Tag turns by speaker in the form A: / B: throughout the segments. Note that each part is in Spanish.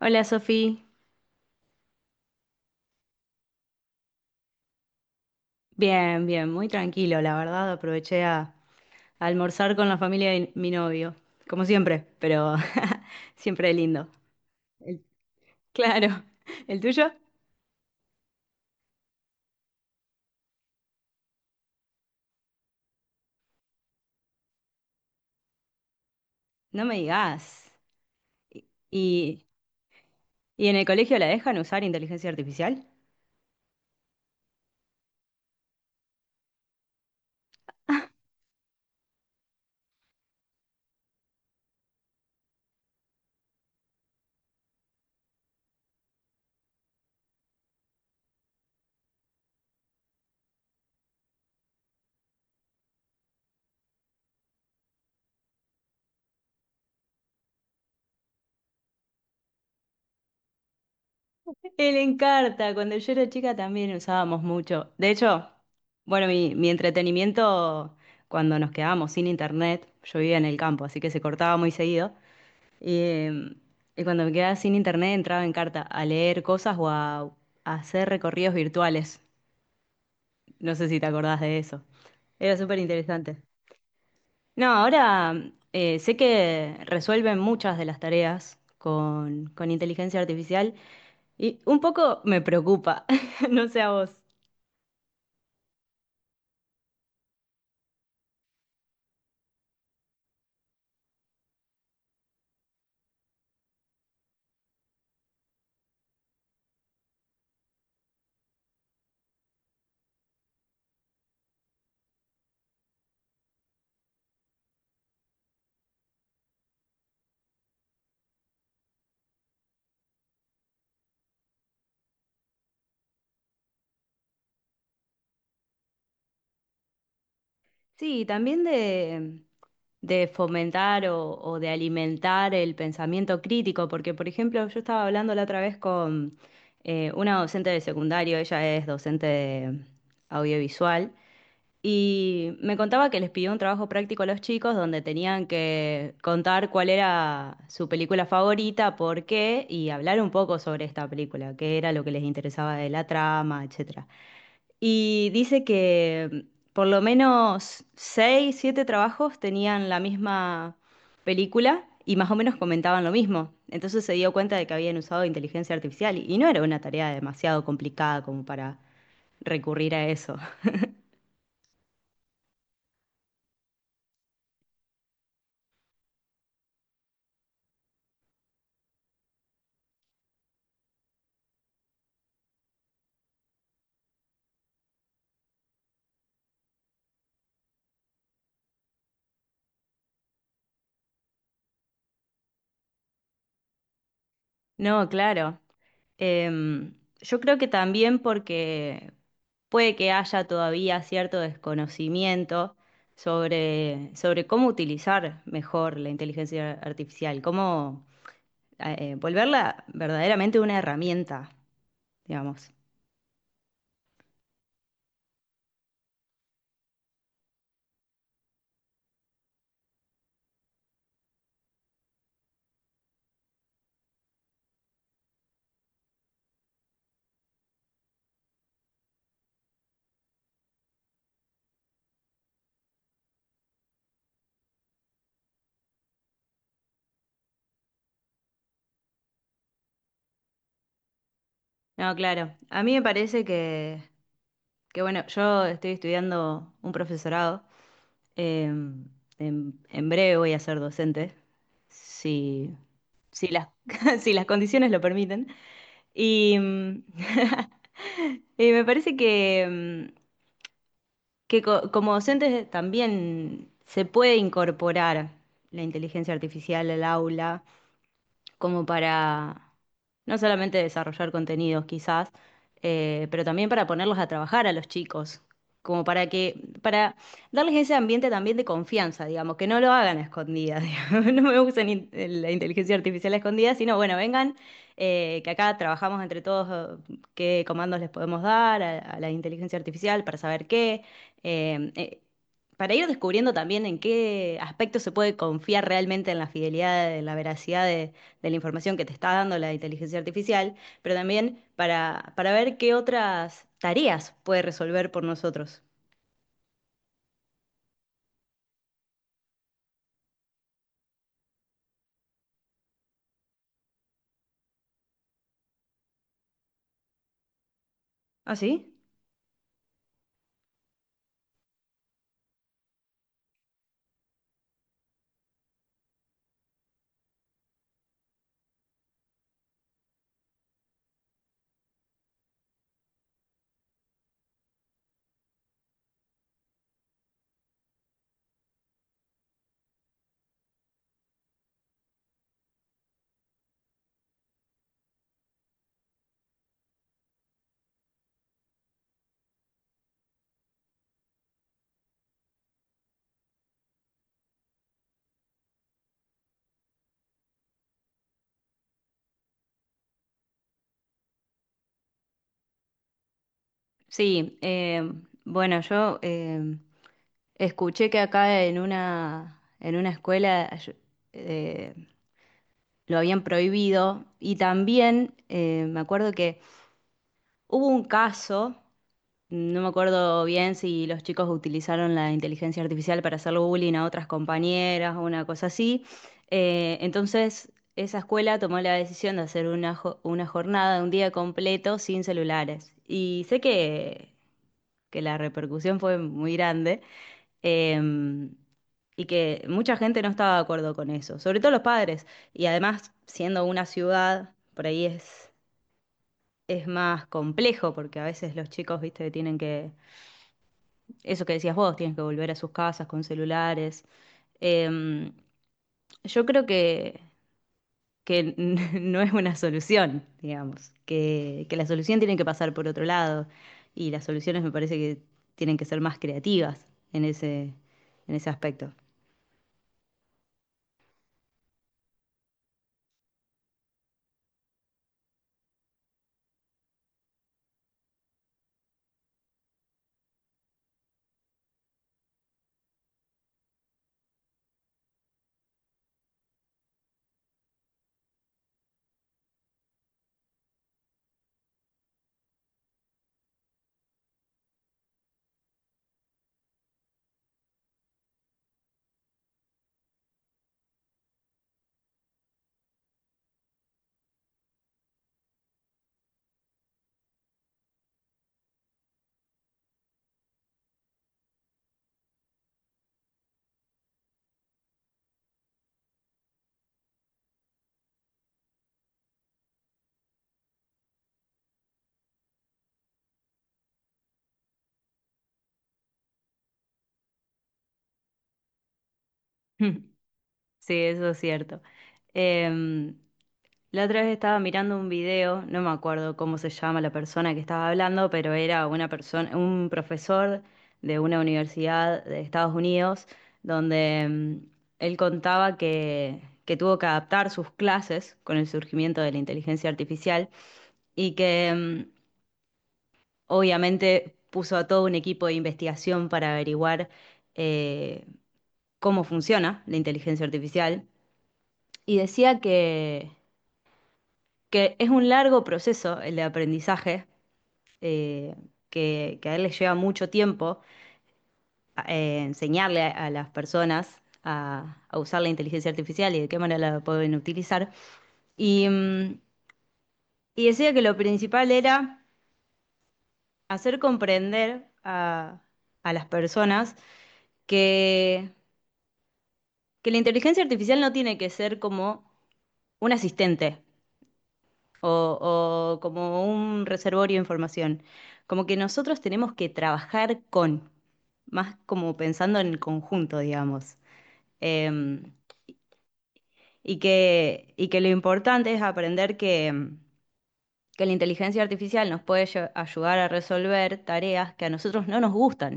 A: Hola Sofía, bien, bien, muy tranquilo, la verdad, aproveché a almorzar con la familia de mi novio, como siempre, pero siempre lindo. El- claro, ¿el tuyo? No me digas. ¿Y, y y en el colegio la dejan usar inteligencia artificial? El encarta, cuando yo era chica también usábamos mucho. De hecho, bueno, mi entretenimiento cuando nos quedábamos sin internet, yo vivía en el campo, así que se cortaba muy seguido. Y, eh, y cuando me quedaba sin internet entraba en carta a leer cosas o a hacer recorridos virtuales. No sé si te acordás de eso. Era súper interesante. No, ahora sé que resuelven muchas de las tareas con inteligencia artificial y un poco me preocupa, no sé a vos. Sí, y también de fomentar o de alimentar el pensamiento crítico, porque por ejemplo yo estaba hablando la otra vez con una docente de secundario, ella es docente de audiovisual, y me contaba que les pidió un trabajo práctico a los chicos donde tenían que contar cuál era su película favorita, por qué, y hablar un poco sobre esta película, qué era lo que les interesaba de la trama, etcétera. Y dice que por lo menos seis, siete trabajos tenían la misma película y más o menos comentaban lo mismo. Entonces se dio cuenta de que habían usado inteligencia artificial y no era una tarea demasiado complicada como para recurrir a eso. No, claro. Em, yo creo que también porque puede que haya todavía cierto desconocimiento sobre cómo utilizar mejor la inteligencia artificial, cómo volverla verdaderamente una herramienta, digamos. No, claro. A mí me parece que bueno, yo estoy estudiando un profesorado. eh, en breve voy a ser docente, si, si las, si las condiciones lo permiten. Y, mm, y me parece que como docentes también se puede incorporar la inteligencia artificial al aula como para no solamente desarrollar contenidos quizás, pero también para ponerlos a trabajar a los chicos, como para darles ese ambiente también de confianza, digamos, que no lo hagan a escondidas, digamos. No me usen la inteligencia artificial a escondidas, sino bueno, vengan, que acá trabajamos entre todos, qué comandos les podemos dar a la inteligencia artificial para saber qué. eh, eh, para ir descubriendo también en qué aspecto se puede confiar realmente en la fidelidad, en la veracidad de la información que te está dando la inteligencia artificial, pero también para ver qué otras tareas puede resolver por nosotros. ¿Ah, sí? Sí, bueno, yo escuché que acá en una, escuela eh, lo habían prohibido y también me acuerdo que hubo un caso. No me acuerdo bien si los chicos utilizaron la inteligencia artificial para hacerle bullying a otras compañeras o una cosa así. Entonces, esa escuela tomó la decisión de hacer una jornada, un día completo sin celulares. Y sé que la repercusión fue muy grande, em, y que mucha gente no estaba de acuerdo con eso, sobre todo los padres. Y además, siendo una ciudad, por ahí es más complejo porque a veces los chicos, viste, tienen que, eso que decías vos, tienen que volver a sus casas con celulares. Em, yo creo que no es una solución, digamos, que la solución tiene que pasar por otro lado y las soluciones me parece que tienen que ser más creativas en ese aspecto. Sí, eso es cierto. Em, La otra vez estaba mirando un video, no me acuerdo cómo se llama la persona que estaba hablando, pero era una persona, un profesor de una universidad de Estados Unidos, donde él contaba que tuvo que adaptar sus clases con el surgimiento de la inteligencia artificial y que obviamente puso a todo un equipo de investigación para averiguar, eh, cómo funciona la inteligencia artificial. Y decía que es un largo proceso el de aprendizaje, eh, que a él les lleva mucho tiempo, enseñarle a las personas a usar la inteligencia artificial y de qué manera la pueden utilizar. Y, mm, y decía que lo principal era hacer comprender a las personas que, que la inteligencia artificial no tiene que ser como un asistente o como un reservorio de información, como que nosotros tenemos que trabajar con, más como pensando en el conjunto, digamos. Em, y que lo importante es aprender que la inteligencia artificial nos puede ayudar a resolver tareas que a nosotros no nos gustan,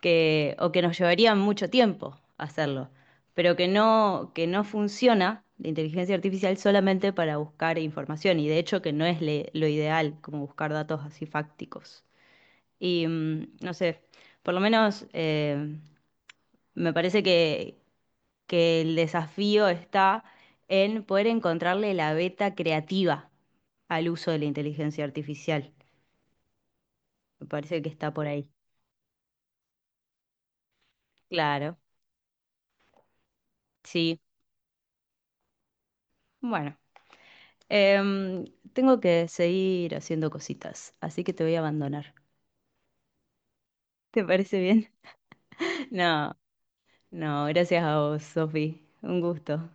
A: o que nos llevarían mucho tiempo hacerlo, pero que no funciona la inteligencia artificial solamente para buscar información, y de hecho que no es lo ideal como buscar datos así fácticos. Y no sé, por lo menos, me parece que el desafío está en poder encontrarle la beta creativa al uso de la inteligencia artificial. Me parece que está por ahí. Claro, sí. Bueno, em, tengo que seguir haciendo cositas, así que te voy a abandonar. ¿Te parece bien? No, no, gracias a vos, Sofi. Un gusto.